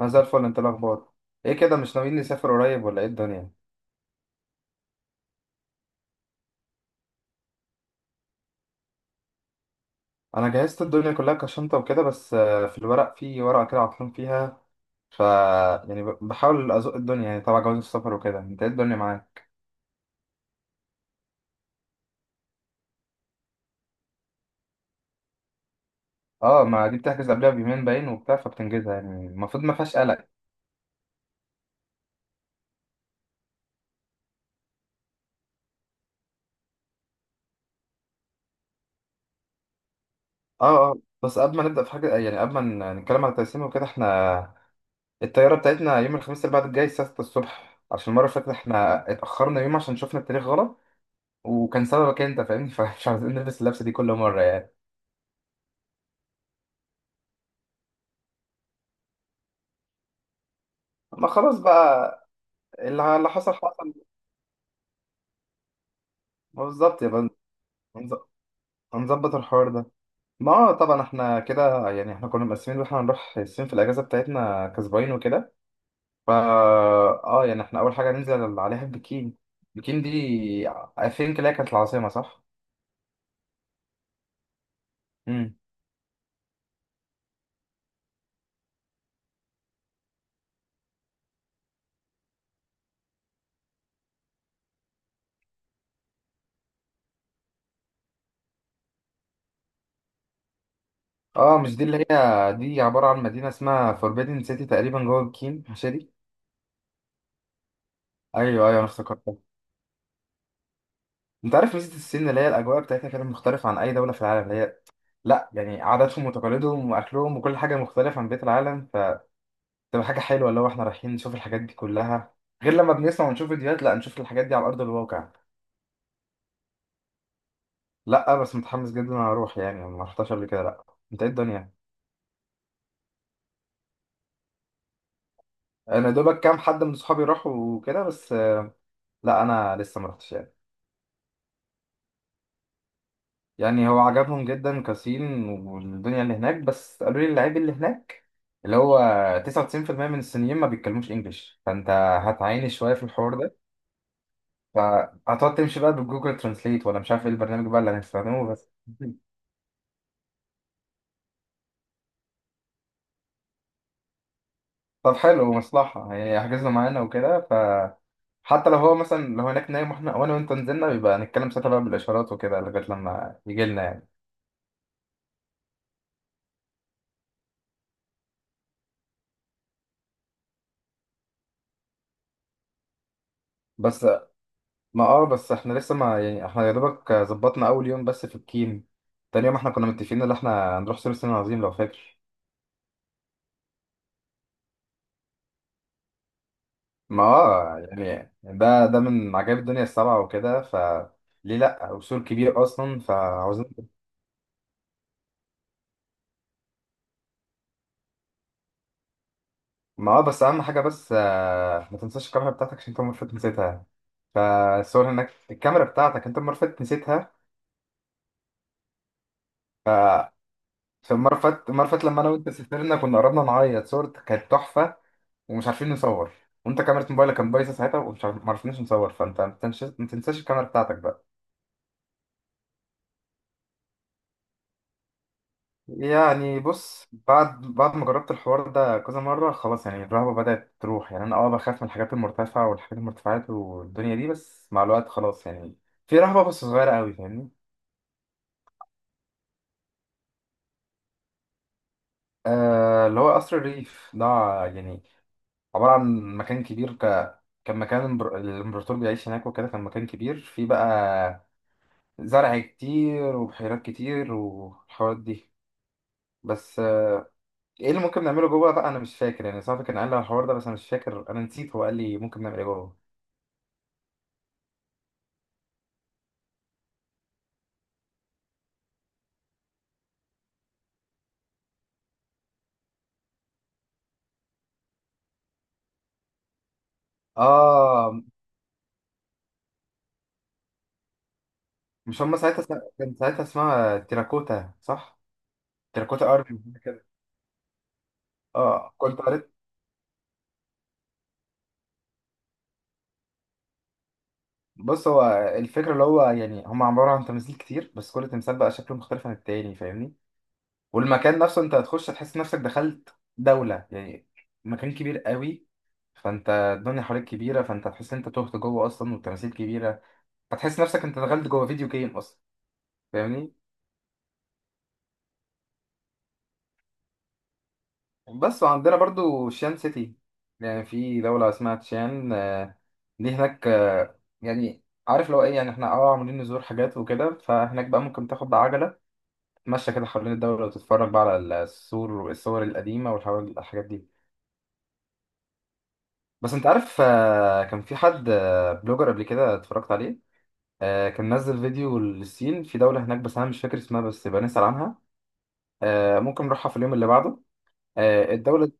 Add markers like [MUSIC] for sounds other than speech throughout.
انا زي الفل. انت إيه الاخبار؟ ايه كده، مش ناويين نسافر قريب ولا ايه الدنيا؟ انا جهزت الدنيا كلها كشنطه وكده، بس في الورق، في ورقه كده عطلان فيها. ف يعني بحاول ازق الدنيا يعني تبع جواز السفر وكده. انت ايه الدنيا معاك؟ اه، ما دي بتحجز قبلها بيومين باين وبتاع، فبتنجزها يعني، المفروض ما فيهاش قلق. اه اه، بس قبل ما نبدا في حاجه، يعني قبل ما نتكلم على التقسيم وكده، احنا الطياره بتاعتنا يوم الخميس اللي بعد الجاي الساعه 6 الصبح، عشان المره اللي فاتت احنا اتاخرنا يوم عشان شفنا التاريخ غلط، وكان سببك انت فاهمني [LAUGHS] فمش عايزين نلبس اللبسه دي كل مره يعني. ما خلاص بقى، اللي حصل حصل. ما بالظبط، يبقى هنز- هنظبط الحوار ده. ما هو طبعا احنا كده يعني احنا كنا مقسمين ان احنا هنروح الصين في الاجازه بتاعتنا كسباين وكده. فا اه يعني احنا اول حاجه ننزل عليها البكين. البكين دي I think اللي هي كانت العاصمه، صح؟ امم اه، مش دي اللي هي دي عباره عن مدينه اسمها فوربيدن سيتي تقريبا جوه بكين، مش دي؟ ايوه ايوه، انا افتكرتها. انت عارف ميزه الصين اللي هي الاجواء بتاعتها كده مختلفه عن اي دوله في العالم. اللي هي، لا يعني، عاداتهم وتقاليدهم واكلهم وكل حاجه مختلفه عن بقيه العالم، فتبقى حاجه حلوه اللي هو احنا رايحين نشوف الحاجات دي كلها، غير لما بنسمع ونشوف فيديوهات، لا نشوف الحاجات دي على ارض الواقع. لا بس متحمس جدا انا اروح يعني، ما رحتش قبل كده، لا. انت ايه الدنيا؟ انا دوبك كام حد من صحابي راحوا وكده بس. لا انا لسه ما رحتش. يعني هو عجبهم جدا كاسين والدنيا اللي هناك، بس قالوا لي اللعيب اللي هناك اللي هو 99% من الصينيين ما بيتكلموش انجلش، فانت هتعاني شويه في الحوار ده. فهتقعد تمشي بقى بالجوجل ترانسليت، ولا مش عارف ايه البرنامج بقى اللي هنستخدمه، بس طب حلو مصلحه يعني حجزنا معانا وكده. فحتى لو هو مثلا لو هناك نايم واحنا، وانا وانت نزلنا، بيبقى نتكلم ساعتها بقى بالاشارات وكده لغايه لما يجي لنا يعني. بس ما اه، بس احنا لسه ما يعني، احنا يا دوبك ظبطنا اول يوم بس في الكيم. تاني يوم احنا كنا متفقين ان احنا هنروح سور الصين العظيم لو فاكر. ما اه يعني ده ده من عجائب الدنيا السبعة وكده، ليه لا، وسور كبير اصلا، فعاوزين. ما اه، بس اهم حاجة، بس ما تنساش الكاميرا بتاعتك، عشان انت المرة اللي فاتت نسيتها، فالصور هناك. الكاميرا بتاعتك انت المرة اللي فاتت نسيتها. ف في المرة اللي فاتت، المرة اللي فاتت لما انا وانت سافرنا، كنا قربنا نعيط. صورتك كانت تحفة ومش عارفين نصور، وانت كاميرا موبايلك كان بايظه ساعتها، ومش عارف، ما عرفناش نصور. فانت ما تنساش، ما تنساش الكاميرا بتاعتك بقى. يعني بص، بعد ما جربت الحوار ده كذا مره خلاص، يعني الرهبه بدات تروح. يعني انا اه بخاف من الحاجات المرتفعه والحاجات المرتفعات والدنيا دي، بس مع الوقت خلاص يعني. في رهبه بس صغيره قوي، فاهمني؟ آه، اللي هو قصر الريف ده، يعني عباره عن مكان كبير، كان مكان الامبر-، الامبراطور بيعيش هناك وكده، كان مكان كبير فيه بقى زرع كتير وبحيرات كتير والحوارات دي. بس ايه اللي ممكن نعمله جوه بقى؟ انا مش فاكر يعني. صاحبي كان قال لي على الحوار ده بس انا مش فاكر، انا نسيت هو قال لي ممكن نعمل ايه جوه. اه، مش هم ساعتها كان ساعتها اسمها تيراكوتا، صح؟ تيراكوتا ارمي كده. اه كنت قريت. بص هو الفكره اللي هو يعني هم عباره عن تماثيل كتير، بس كل تمثال بقى شكله مختلف عن التاني فاهمني. والمكان نفسه انت هتخش هتحس نفسك دخلت دوله يعني، مكان كبير قوي. فانت الدنيا حواليك كبيره، فانت هتحس ان انت تهت جوه اصلا، والتماثيل كبيره، هتحس نفسك انت دخلت جوه فيديو جيم اصلا فاهمني. بس وعندنا برضو شان سيتي. يعني في دولة اسمها تشان، دي هناك، يعني عارف لو ايه، يعني احنا اه عاملين نزور حاجات وكده، فهناك بقى ممكن تاخد عجلة تتمشى كده حوالين الدولة وتتفرج بقى على السور والصور القديمة والحاجات دي. بس انت عارف، كان في حد، بلوجر قبل كده اتفرجت عليه، كان نزل فيديو للصين، في دولة هناك بس انا مش فاكر اسمها، بس يبقى نسأل عنها. ممكن نروحها في اليوم اللي بعده. الدولة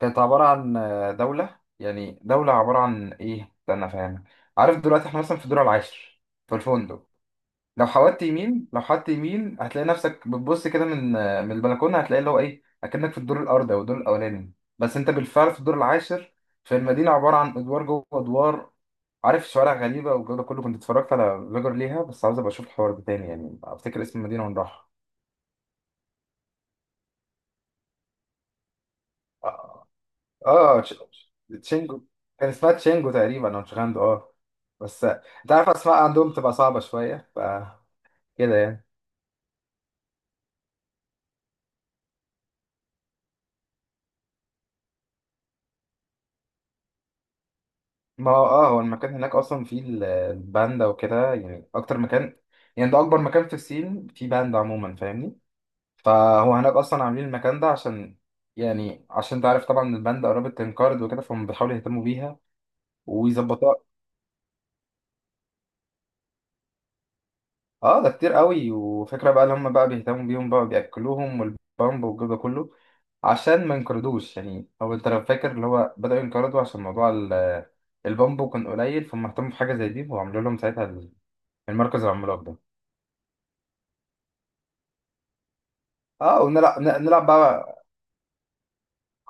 كانت عبارة عن، دولة يعني، دولة عبارة عن إيه؟ استنى أفهمك. عارف دلوقتي إحنا مثلا في الدور العاشر في الفندق. لو حودت يمين، لو حودت يمين هتلاقي نفسك بتبص كده من، من البلكونة هتلاقي اللي هو إيه، أكنك في الدور الأرضي أو الدور الأولاني، بس أنت بالفعل في الدور العاشر. في المدينة عبارة عن أدوار جوه أدوار، عارف، شوارع غريبة والجو ده كله. كنت اتفرجت على فيجر ليها، بس عاوز أبقى أشوف الحوار ده تاني يعني، أفتكر اسم المدينة ونروحها. اه تشينجو. كان اسمها تشينجو تقريبا او تشيغاندو، اه. بس انت عارف اسماء عندهم تبقى صعبة شوية، ف كده يعني. ما هو اه، هو المكان هناك اصلا فيه الباندا وكده، يعني اكتر مكان، يعني ده اكبر مكان في الصين فيه باندا عموما فاهمني. فهو هناك اصلا عاملين المكان ده عشان، يعني عشان تعرف، طبعا الباندا قربت تنقرض وكده، فهم بيحاولوا يهتموا بيها ويظبطوها. اه، ده كتير قوي، وفكرة بقى اللي هم بقى بيهتموا بيهم بقى، بياكلوهم والبامب والجو ده كله، عشان ما ينقرضوش. يعني هو انت لو فاكر اللي هو بدأوا ينقرضوا عشان موضوع البامبو كان قليل، فهم اهتموا بحاجة زي دي، وعملوا لهم ساعتها المركز العملاق ده. اه ونلعب، نلعب بقى.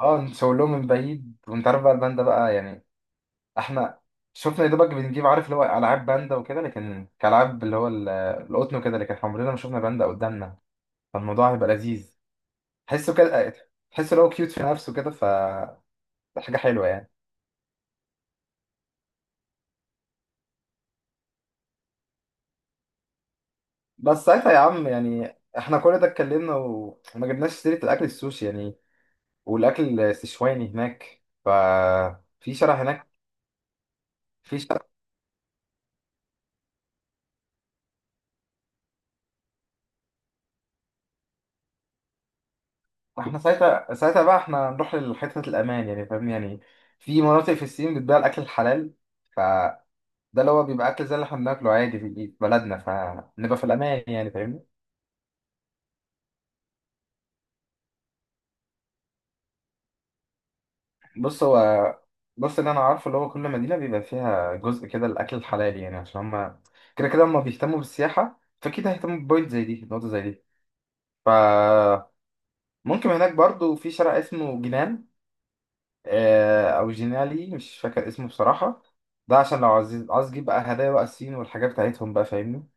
اه نشاور لهم من بعيد، وانت عارف بقى الباندا بقى يعني. احنا شفنا يا دوبك بنجيب، عارف اللي هو العاب باندا وكده، لكن كالعاب اللي هو القطن وكده، لكن احنا عمرنا ما شفنا باندا قدامنا، فالموضوع هيبقى لذيذ. تحسه كده، تحسه لو كيوت في نفسه كده، حاجة حلوة يعني. بس ساعتها يا عم، يعني احنا كل ده اتكلمنا وما جبناش سيرة الأكل السوشي يعني، والأكل السشواني هناك. في شارع هناك، في شارع احنا ساعتها، ساعتها بقى احنا نروح لحتة الأمان يعني فاهم يعني. في مناطق في الصين بتبيع الأكل الحلال، فده اللي هو بيبقى أكل زي اللي احنا بناكله عادي في بلدنا، فنبقى في الأمان يعني فاهمني. بص هو، بص اللي انا عارفه اللي هو كل مدينه بيبقى فيها جزء كده الاكل الحلال، يعني عشان هما كده كده هما بيهتموا بالسياحه، فاكيد هيهتموا ببوينت زي دي، نقطه زي دي. فممكن هناك برضو في شارع اسمه جنان، او جنالي، مش فاكر اسمه بصراحه. ده عشان لو عايز، عايز تجيب بقى هدايا بقى الصين والحاجات بتاعتهم بقى فاهمني.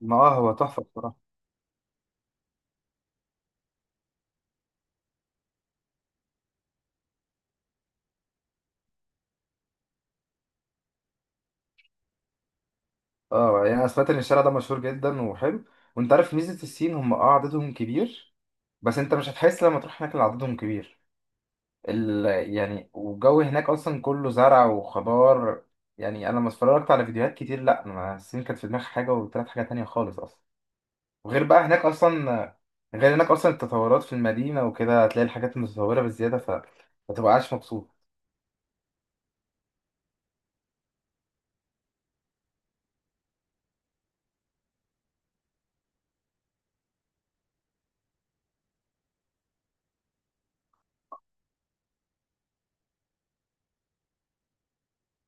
ما اه، هو تحفه بصراحه. اه يعني انا سمعت ان الشارع ده مشهور جدا وحلو. وانت عارف ميزه الصين، هم اه عددهم كبير، بس انت مش هتحس لما تروح هناك ان عددهم كبير. ال... يعني والجو هناك اصلا كله زرع وخضار. يعني انا لما اتفرجت على فيديوهات كتير، لا انا الصين كانت في دماغي حاجه، وطلعت حاجه تانية خالص اصلا. وغير بقى هناك اصلا، غير هناك اصلا التطورات في المدينه وكده، هتلاقي الحاجات متطوره بزياده، ما تبقاش مبسوط.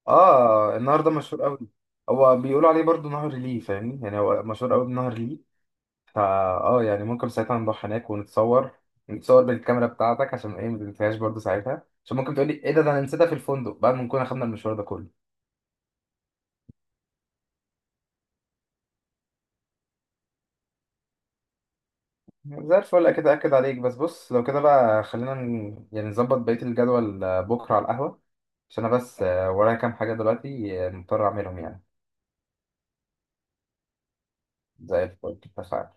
اه النهر ده مشهور قوي، هو بيقولوا عليه برضو نهر ليه فاهمني. يعني هو مشهور قوي بنهر ليه. فا اه يعني ممكن ساعتها نروح هناك ونتصور، نتصور بالكاميرا بتاعتك. عشان ايه، ما تنساهاش برضه ساعتها، عشان ممكن تقولي ايه ده ده، انا نسيتها في الفندق بعد ما نكون اخدنا المشوار ده كله. زي الفل، اكيد اكد عليك. بس بص لو كده بقى، خلينا يعني نظبط بقية الجدول، بكرة على القهوة، عشان انا بس ورايا كام حاجة دلوقتي، مضطر اعملهم يعني. زي الفل، اتفقنا.